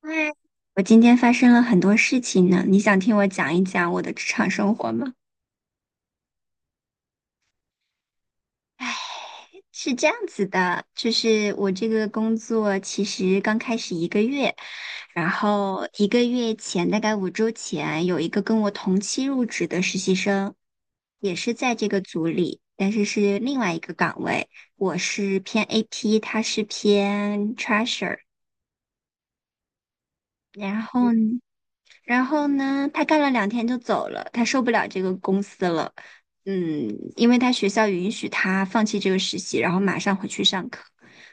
嗨，我今天发生了很多事情呢，你想听我讲一讲我的职场生活吗？唉，是这样子的，就是我这个工作其实刚开始一个月，然后1个月前，大概5周前，有一个跟我同期入职的实习生，也是在这个组里，但是是另外一个岗位，我是偏 AP，他是偏 Treasure。然后呢？然后呢，他干了两天就走了，他受不了这个公司了。嗯。因为他学校允许他放弃这个实习，然后马上回去上课。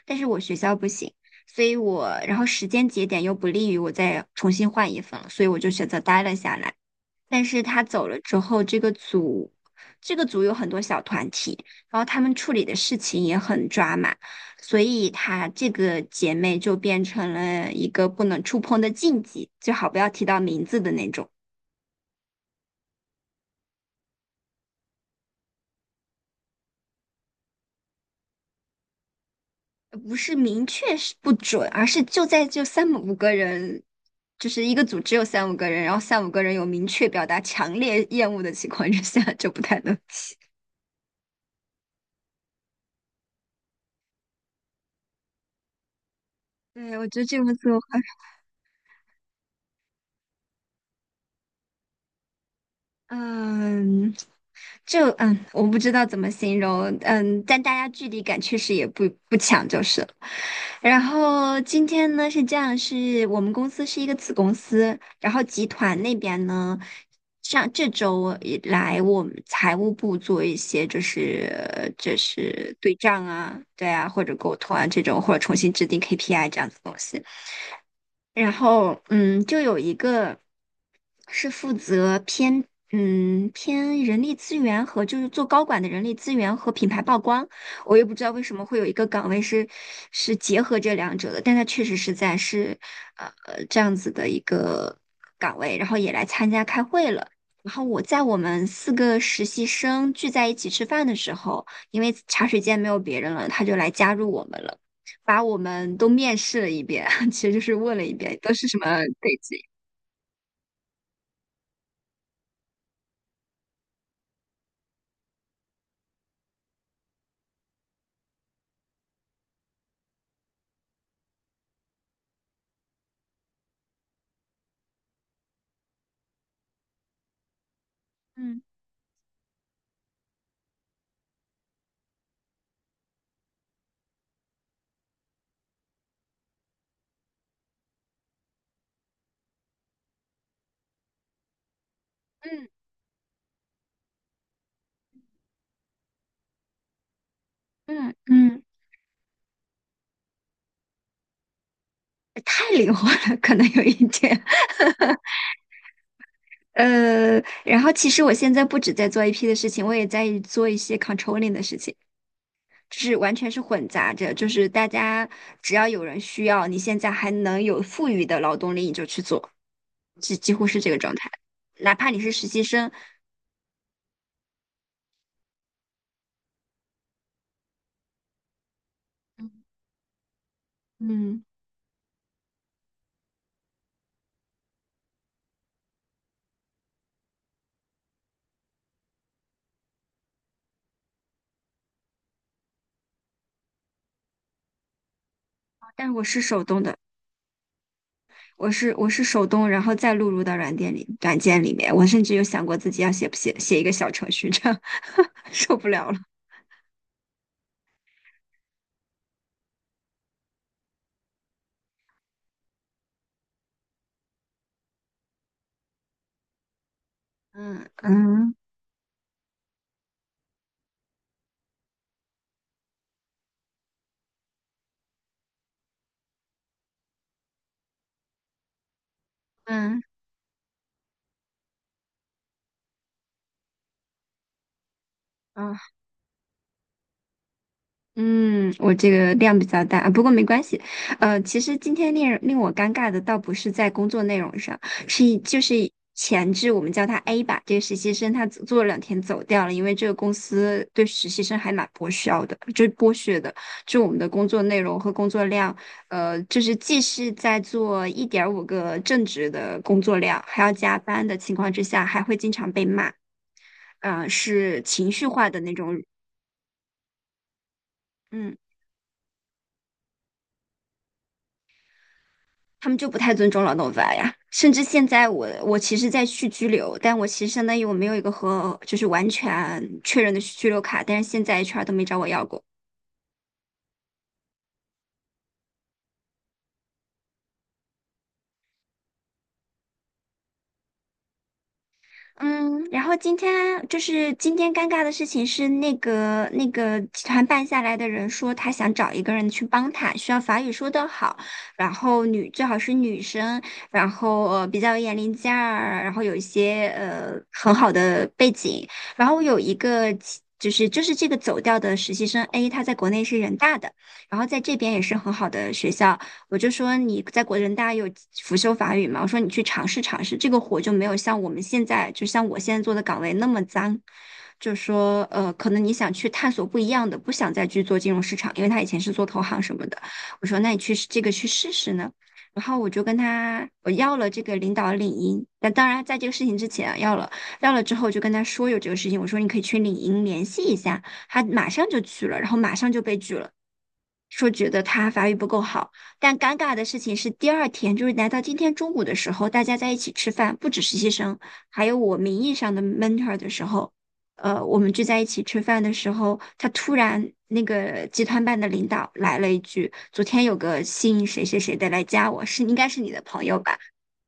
但是我学校不行，所以我，然后时间节点又不利于我再重新换一份了，所以我就选择待了下来。但是他走了之后，这个组有很多小团体，然后他们处理的事情也很抓马，所以他这个姐妹就变成了一个不能触碰的禁忌，最好不要提到名字的那种。不是明确是不准，而是就三五个人，就是一个组只有三五个人，然后三五个人有明确表达强烈厌恶的情况之下，就不太能提。对，我觉得这个做作嗯，就，我不知道怎么形容，但大家距离感确实也不强，就是了。然后今天呢是这样，是我们公司是一个子公司，然后集团那边呢，上这周以来我们财务部做一些就是对账啊，对啊，或者沟通啊这种，或者重新制定 KPI 这样子的东西。然后就有一个是负责偏人力资源和就是做高管的人力资源和品牌曝光，我也不知道为什么会有一个岗位是是结合这两者的，但它确实是这样子的一个岗位，然后也来参加开会了。然后我在我们四个实习生聚在一起吃饭的时候，因为茶水间没有别人了，他就来加入我们了。把我们都面试了一遍，其实就是问了一遍都是什么背景。嗯嗯嗯嗯。太灵活了，可能有一点。呃，然后其实我现在不止在做 AP 的事情，我也在做一些 controlling 的事情，就是完全是混杂着，就是大家只要有人需要，你现在还能有富裕的劳动力，你就去做，几乎是这个状态。哪怕你是实习生，嗯。嗯但我是手动的，我是手动，然后再录入到软件里面。我甚至有想过自己要写不写写一个小程序，这样 受不了了。嗯嗯嗯嗯。嗯，我这个量比较大，不过没关系。其实今天令我尴尬的倒不是在工作内容上，就是前置我们叫他 A 吧，这个实习生他做了两天走掉了，因为这个公司对实习生还蛮剥削的，就是剥削的，就我们的工作内容和工作量，就是既是在做1.5个正职的工作量，还要加班的情况之下，还会经常被骂，是情绪化的那种。嗯。他们就不太尊重劳动法呀。甚至现在我其实在续居留，但我其实相当于我没有一个和就是完全确认的居留卡，但是现在 HR 都没找我要过。嗯，然后今天就是今天尴尬的事情是那个集团办下来的人说他想找一个人去帮他，需要法语说得好，然后最好是女生，然后比较有眼力劲儿，然后有一些很好的背景，然后我有一个其就是就是这个走掉的实习生 A，他在国内是人大的，然后在这边也是很好的学校。我就说你在国人大有辅修法语嘛，我说你去尝试尝试，这个活就没有像我们现在，就像我现在做的岗位那么脏。就说可能你想去探索不一样的，不想再去做金融市场，因为他以前是做投行什么的。我说那你去这个去试试呢。然后我就跟他我要了这个领导的领英，那当然在这个事情之前啊要了，要了之后就跟他说有这个事情，我说你可以去领英联系一下，他马上就去了，然后马上就被拒了，说觉得他法语不够好，但尴尬的事情是，第二天就是来到今天中午的时候，大家在一起吃饭，不止实习生，还有我名义上的 mentor 的时候，我们聚在一起吃饭的时候，他突然那个集团办的领导来了一句：“昨天有个姓谁谁谁的来加我，是应该是你的朋友吧？”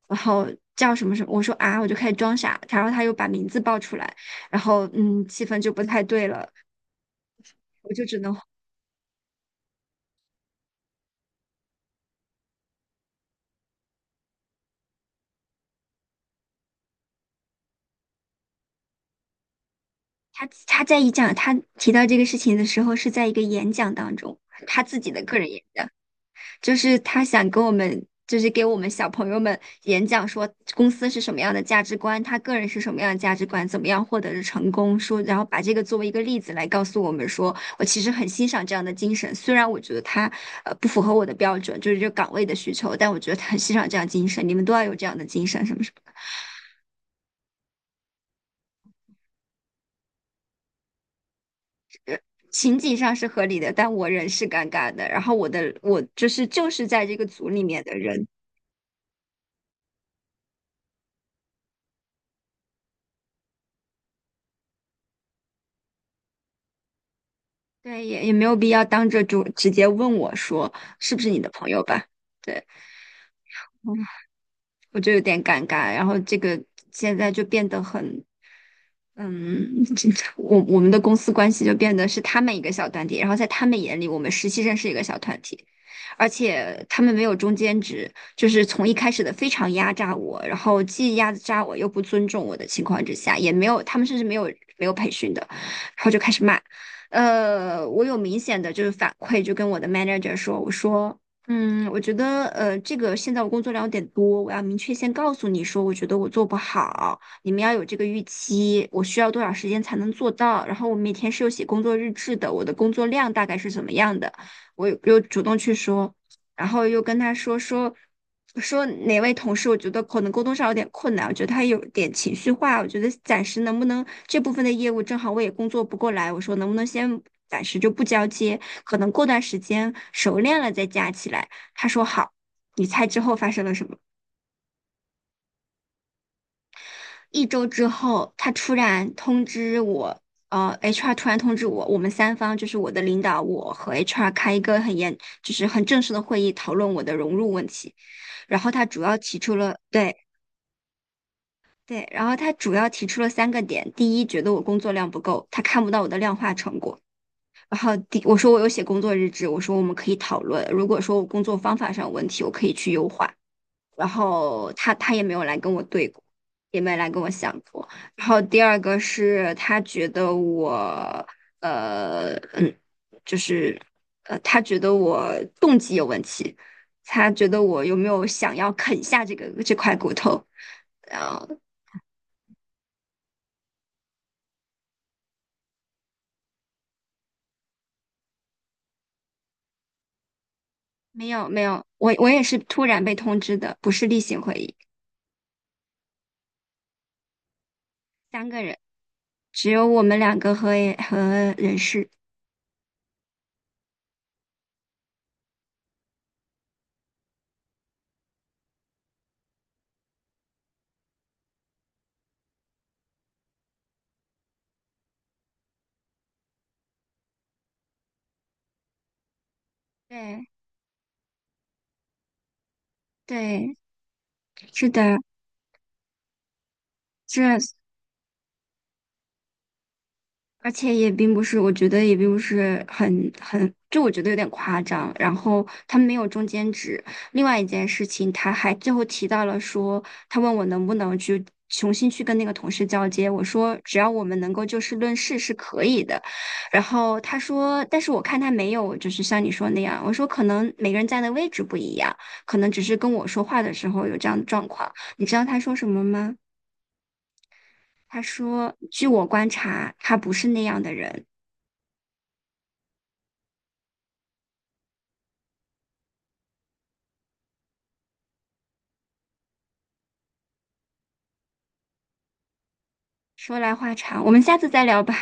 然后叫什么什么，我说啊，我就开始装傻，然后他又把名字报出来，然后气氛就不太对了，我就只能。他他在一讲他提到这个事情的时候，是在一个演讲当中，他自己的个人演讲，就是他想跟我们，就是给我们小朋友们演讲说公司是什么样的价值观，他个人是什么样的价值观，怎么样获得的成功，说然后把这个作为一个例子来告诉我们说，我其实很欣赏这样的精神，虽然我觉得他不符合我的标准，就是这个岗位的需求，但我觉得他很欣赏这样精神，你们都要有这样的精神，什么什么。情景上是合理的，但我人是尴尬的。然后我的我就是在这个组里面的人，对，也没有必要当着就直接问我说是不是你的朋友吧？对，嗯我就有点尴尬。然后这个现在就变得很嗯，这我们的公司关系就变得是他们一个小团体，然后在他们眼里，我们实习生是一个小团体，而且他们没有中间值，就是从一开始的非常压榨我，然后既压榨我又不尊重我的情况之下，也没有他们甚至没有没有培训的，然后就开始骂，我有明显的就是反馈，就跟我的 manager 说，我说。嗯，我觉得这个现在我工作量有点多，我要明确先告诉你说，我觉得我做不好。你们要有这个预期，我需要多少时间才能做到？然后我每天是有写工作日志的，我的工作量大概是怎么样的？我又主动去说，然后又跟他说哪位同事，我觉得可能沟通上有点困难，我觉得他有点情绪化，我觉得暂时能不能这部分的业务正好我也工作不过来，我说能不能先暂时就不交接，可能过段时间熟练了再加起来。他说好，你猜之后发生了什么？1周之后，他突然通知我，HR 突然通知我，我们三方就是我的领导，我和 HR 开一个很严，就是很正式的会议，讨论我的融入问题。然后他主要提出了，对对。然后他主要提出了三个点：第一，觉得我工作量不够，他看不到我的量化成果；然后第，我说我有写工作日志，我说我们可以讨论，如果说我工作方法上有问题，我可以去优化。然后他也没有来跟我对过，也没来跟我想过。然后第二个是呃嗯，就是他觉得我动机有问题，他觉得我有没有想要啃下这块骨头，然后没有没有，我也是突然被通知的，不是例行会议，三个人只有我们两个和人事，对对，是的，这而且也并不是，我觉得也并不是很，就我觉得有点夸张。然后他没有中间值。另外一件事情，他还最后提到了说，他问我能不能去重新去跟那个同事交接。我说只要我们能够就事论事是可以的。然后他说，但是我看他没有，就是像你说那样。我说可能每个人站的位置不一样，可能只是跟我说话的时候有这样的状况。你知道他说什么吗？他说：“据我观察，他不是那样的人。”说来话长，我们下次再聊吧。